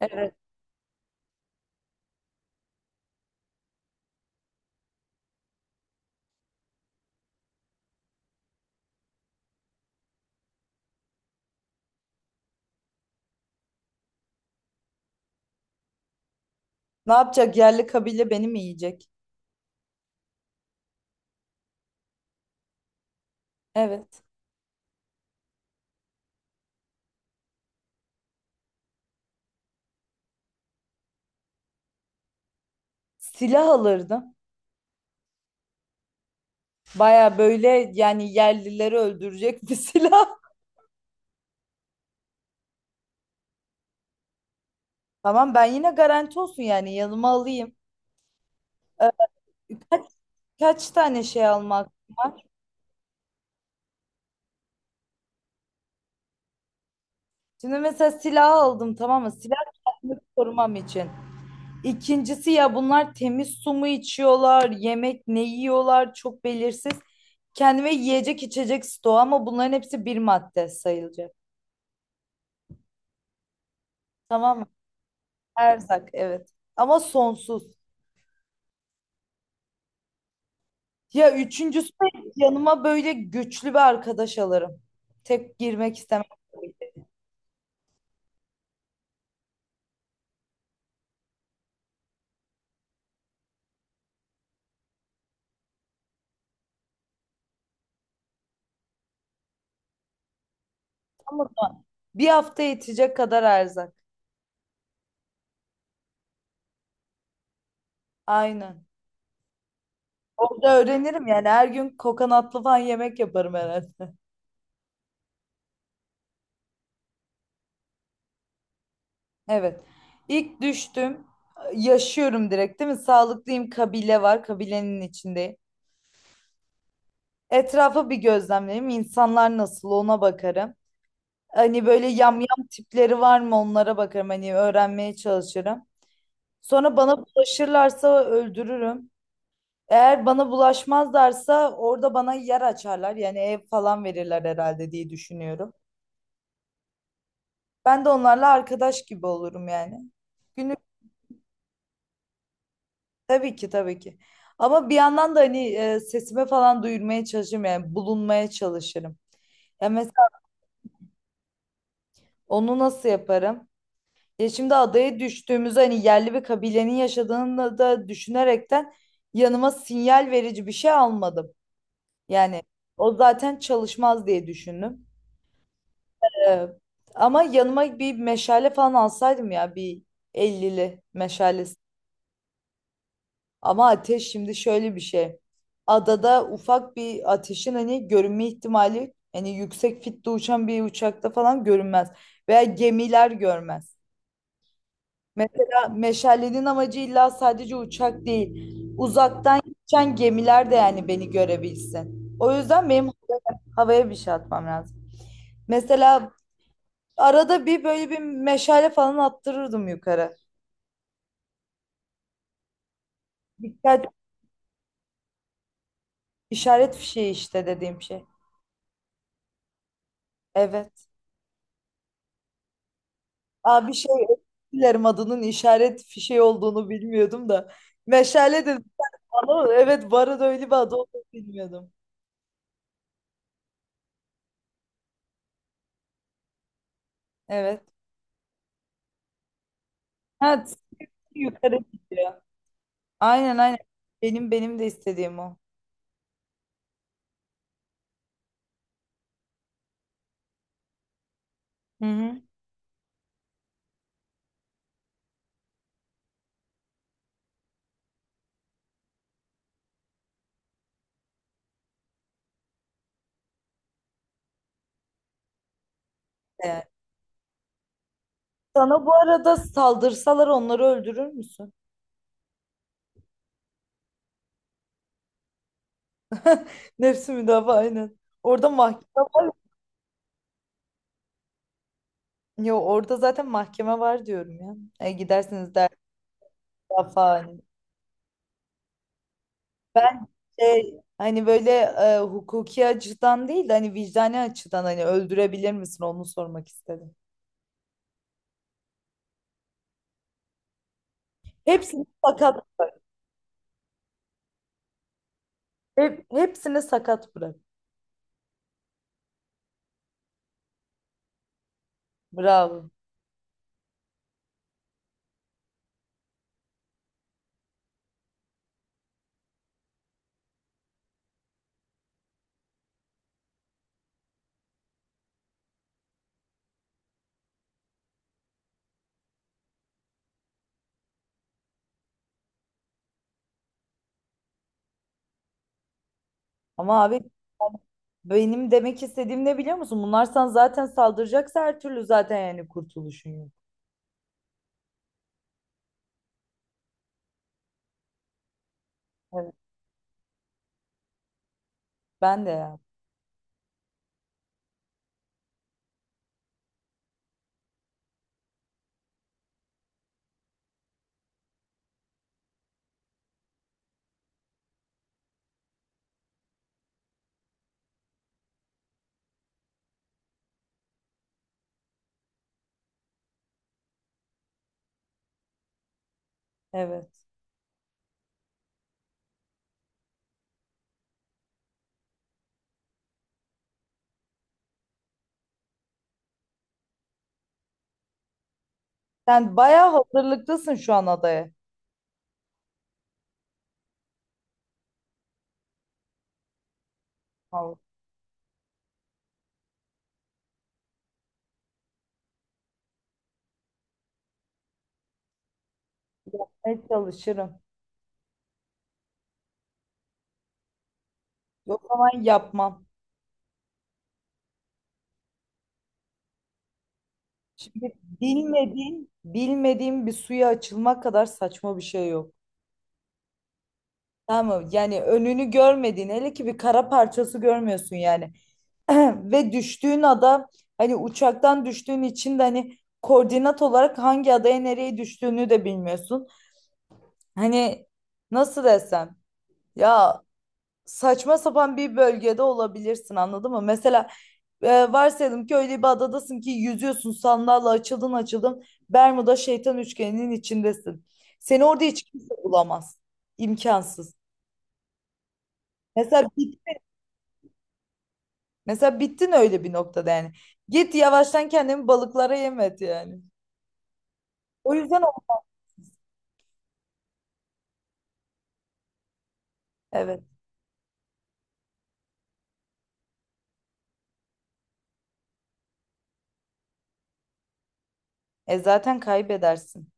Evet. Ne yapacak? Yerli kabile beni mi yiyecek? Evet. Silah alırdım. Baya böyle yani yerlileri öldürecek bir silah. Tamam, ben yine garanti olsun yani yanıma alayım. Ee, kaç, kaç tane şey almak var? Şimdi mesela silah aldım, tamam mı? Silah kendimi korumam için. İkincisi, ya bunlar temiz su mu içiyorlar, yemek ne yiyorlar, çok belirsiz. Kendime yiyecek içecek stoğu, ama bunların hepsi bir madde sayılacak. Tamam. Erzak evet. Ama sonsuz. Ya üçüncüsü de yanıma böyle güçlü bir arkadaş alırım. Tek girmek istemem. Tabii ki. Ama da bir hafta yetecek kadar erzak. Aynen. Orada öğrenirim yani, her gün kokonatlı falan yemek yaparım herhalde. Evet. İlk düştüm. Yaşıyorum direkt, değil mi? Sağlıklıyım, kabile var. Kabilenin içindeyim. Etrafa bir gözlemleyeyim. İnsanlar nasıl, ona bakarım. Hani böyle yamyam tipleri var mı, onlara bakarım. Hani öğrenmeye çalışırım. Sonra bana bulaşırlarsa öldürürüm. Eğer bana bulaşmazlarsa orada bana yer açarlar. Yani ev falan verirler herhalde diye düşünüyorum. Ben de onlarla arkadaş gibi olurum yani. Günlük tabii ki tabii ki. Ama bir yandan da hani sesimi falan duyurmaya çalışırım yani bulunmaya çalışırım. Ya mesela onu nasıl yaparım? Ya şimdi adaya düştüğümüzde, hani yerli bir kabilenin yaşadığını da düşünerekten, yanıma sinyal verici bir şey almadım. Yani o zaten çalışmaz diye düşündüm. Ee, ama yanıma bir meşale falan alsaydım, ya bir 50'li meşalesi. Ama ateş şimdi şöyle bir şey. Adada ufak bir ateşin hani görünme ihtimali, hani yüksek fitte uçan bir uçakta falan görünmez. Veya gemiler görmez. Mesela meşalenin amacı illa sadece uçak değil. Uzaktan geçen gemiler de yani beni görebilsin. O yüzden benim havaya bir şey atmam lazım. Mesela arada bir böyle bir meşale falan attırırdım yukarı. Dikkat işaret fişeği işte dediğim şey. Evet. Aa, bir şey dilerim, adının işaret fişeği olduğunu bilmiyordum da. Meşale dedim. Ama evet, bu arada öyle bir adı olduğunu bilmiyordum. Evet. Ha, yukarı gidiyor. Aynen aynen. Benim de istediğim o. Hı hı. Yani. Sana bu arada saldırsalar onları öldürür müsün? Nefsi müdafaa, aynen. Orada mahkeme var. Yo, orada zaten mahkeme var diyorum ya. E, gidersiniz der falan. Ben şey, hani böyle hukuki açıdan değil de hani vicdani açıdan hani öldürebilir misin, onu sormak istedim. Hepsini sakat bırak. Hepsini sakat bırak. Bravo. Ama abi, benim demek istediğim ne biliyor musun? Bunlar sana zaten saldıracaksa her türlü, zaten yani kurtuluşun yok. Evet. Ben de ya. Evet. Sen bayağı hazırlıklısın şu an adaya. Vallahi. Evet, çalışırım. O zaman yapmam. Şimdi bilmediğin bir suya açılmak kadar saçma bir şey yok. Tamam mı? Yani önünü görmediğin, hele ki bir kara parçası görmüyorsun yani. Ve düştüğün ada, hani uçaktan düştüğün için de hani koordinat olarak hangi adaya nereye düştüğünü de bilmiyorsun. Hani nasıl desem, ya saçma sapan bir bölgede olabilirsin, anladın mı? Mesela varsayalım ki öyle bir adadasın ki yüzüyorsun, sandalla açıldın, Bermuda şeytan üçgeninin içindesin. Seni orada hiç kimse bulamaz. İmkansız. Mesela mesela bittin öyle bir noktada yani. Git yavaştan kendini balıklara yem et yani. O yüzden o- evet. E zaten kaybedersin.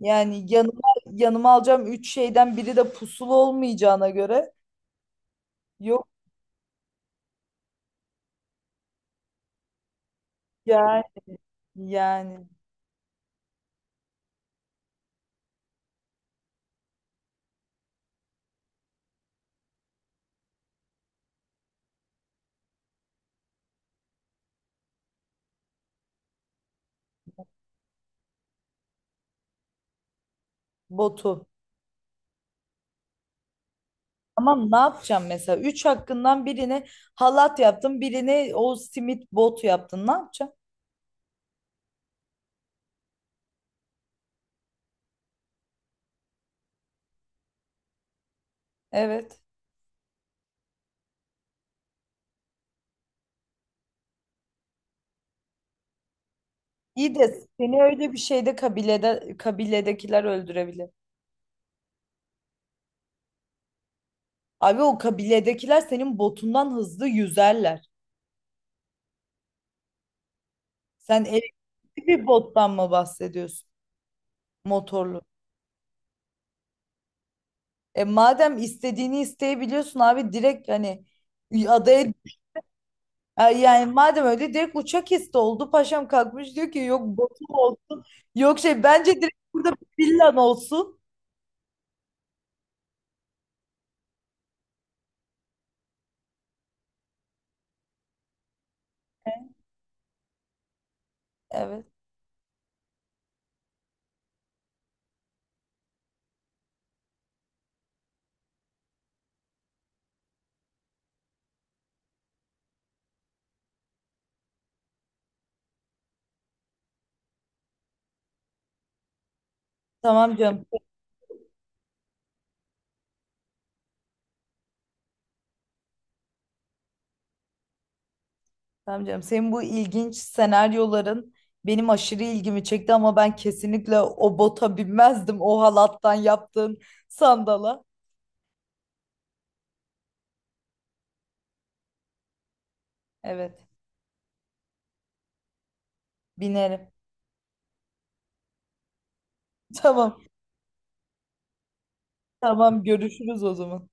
Yani yanıma alacağım üç şeyden biri de pusulu olmayacağına göre yok yani, yani botu. Ama ne yapacağım mesela? Üç hakkından birini halat yaptın, birini o simit bot yaptın. Ne yapacağım? Evet. İyi de seni öyle bir şeyde kabilede, kabiledekiler öldürebilir. Abi, o kabiledekiler senin botundan hızlı yüzerler. Sen elektrikli bir bottan mı bahsediyorsun? Motorlu. E madem istediğini isteyebiliyorsun abi, direkt hani adaya. Ay, yani madem öyle direkt uçak isti oldu. Paşam kalkmış diyor ki yok botum olsun. Yok şey, bence direkt burada bir villan olsun. Evet. Tamam canım. Tamam canım. Senin bu ilginç senaryoların benim aşırı ilgimi çekti ama ben kesinlikle o bota binmezdim. O halattan yaptığın sandala. Evet. Binerim. Tamam. Tamam, görüşürüz o zaman.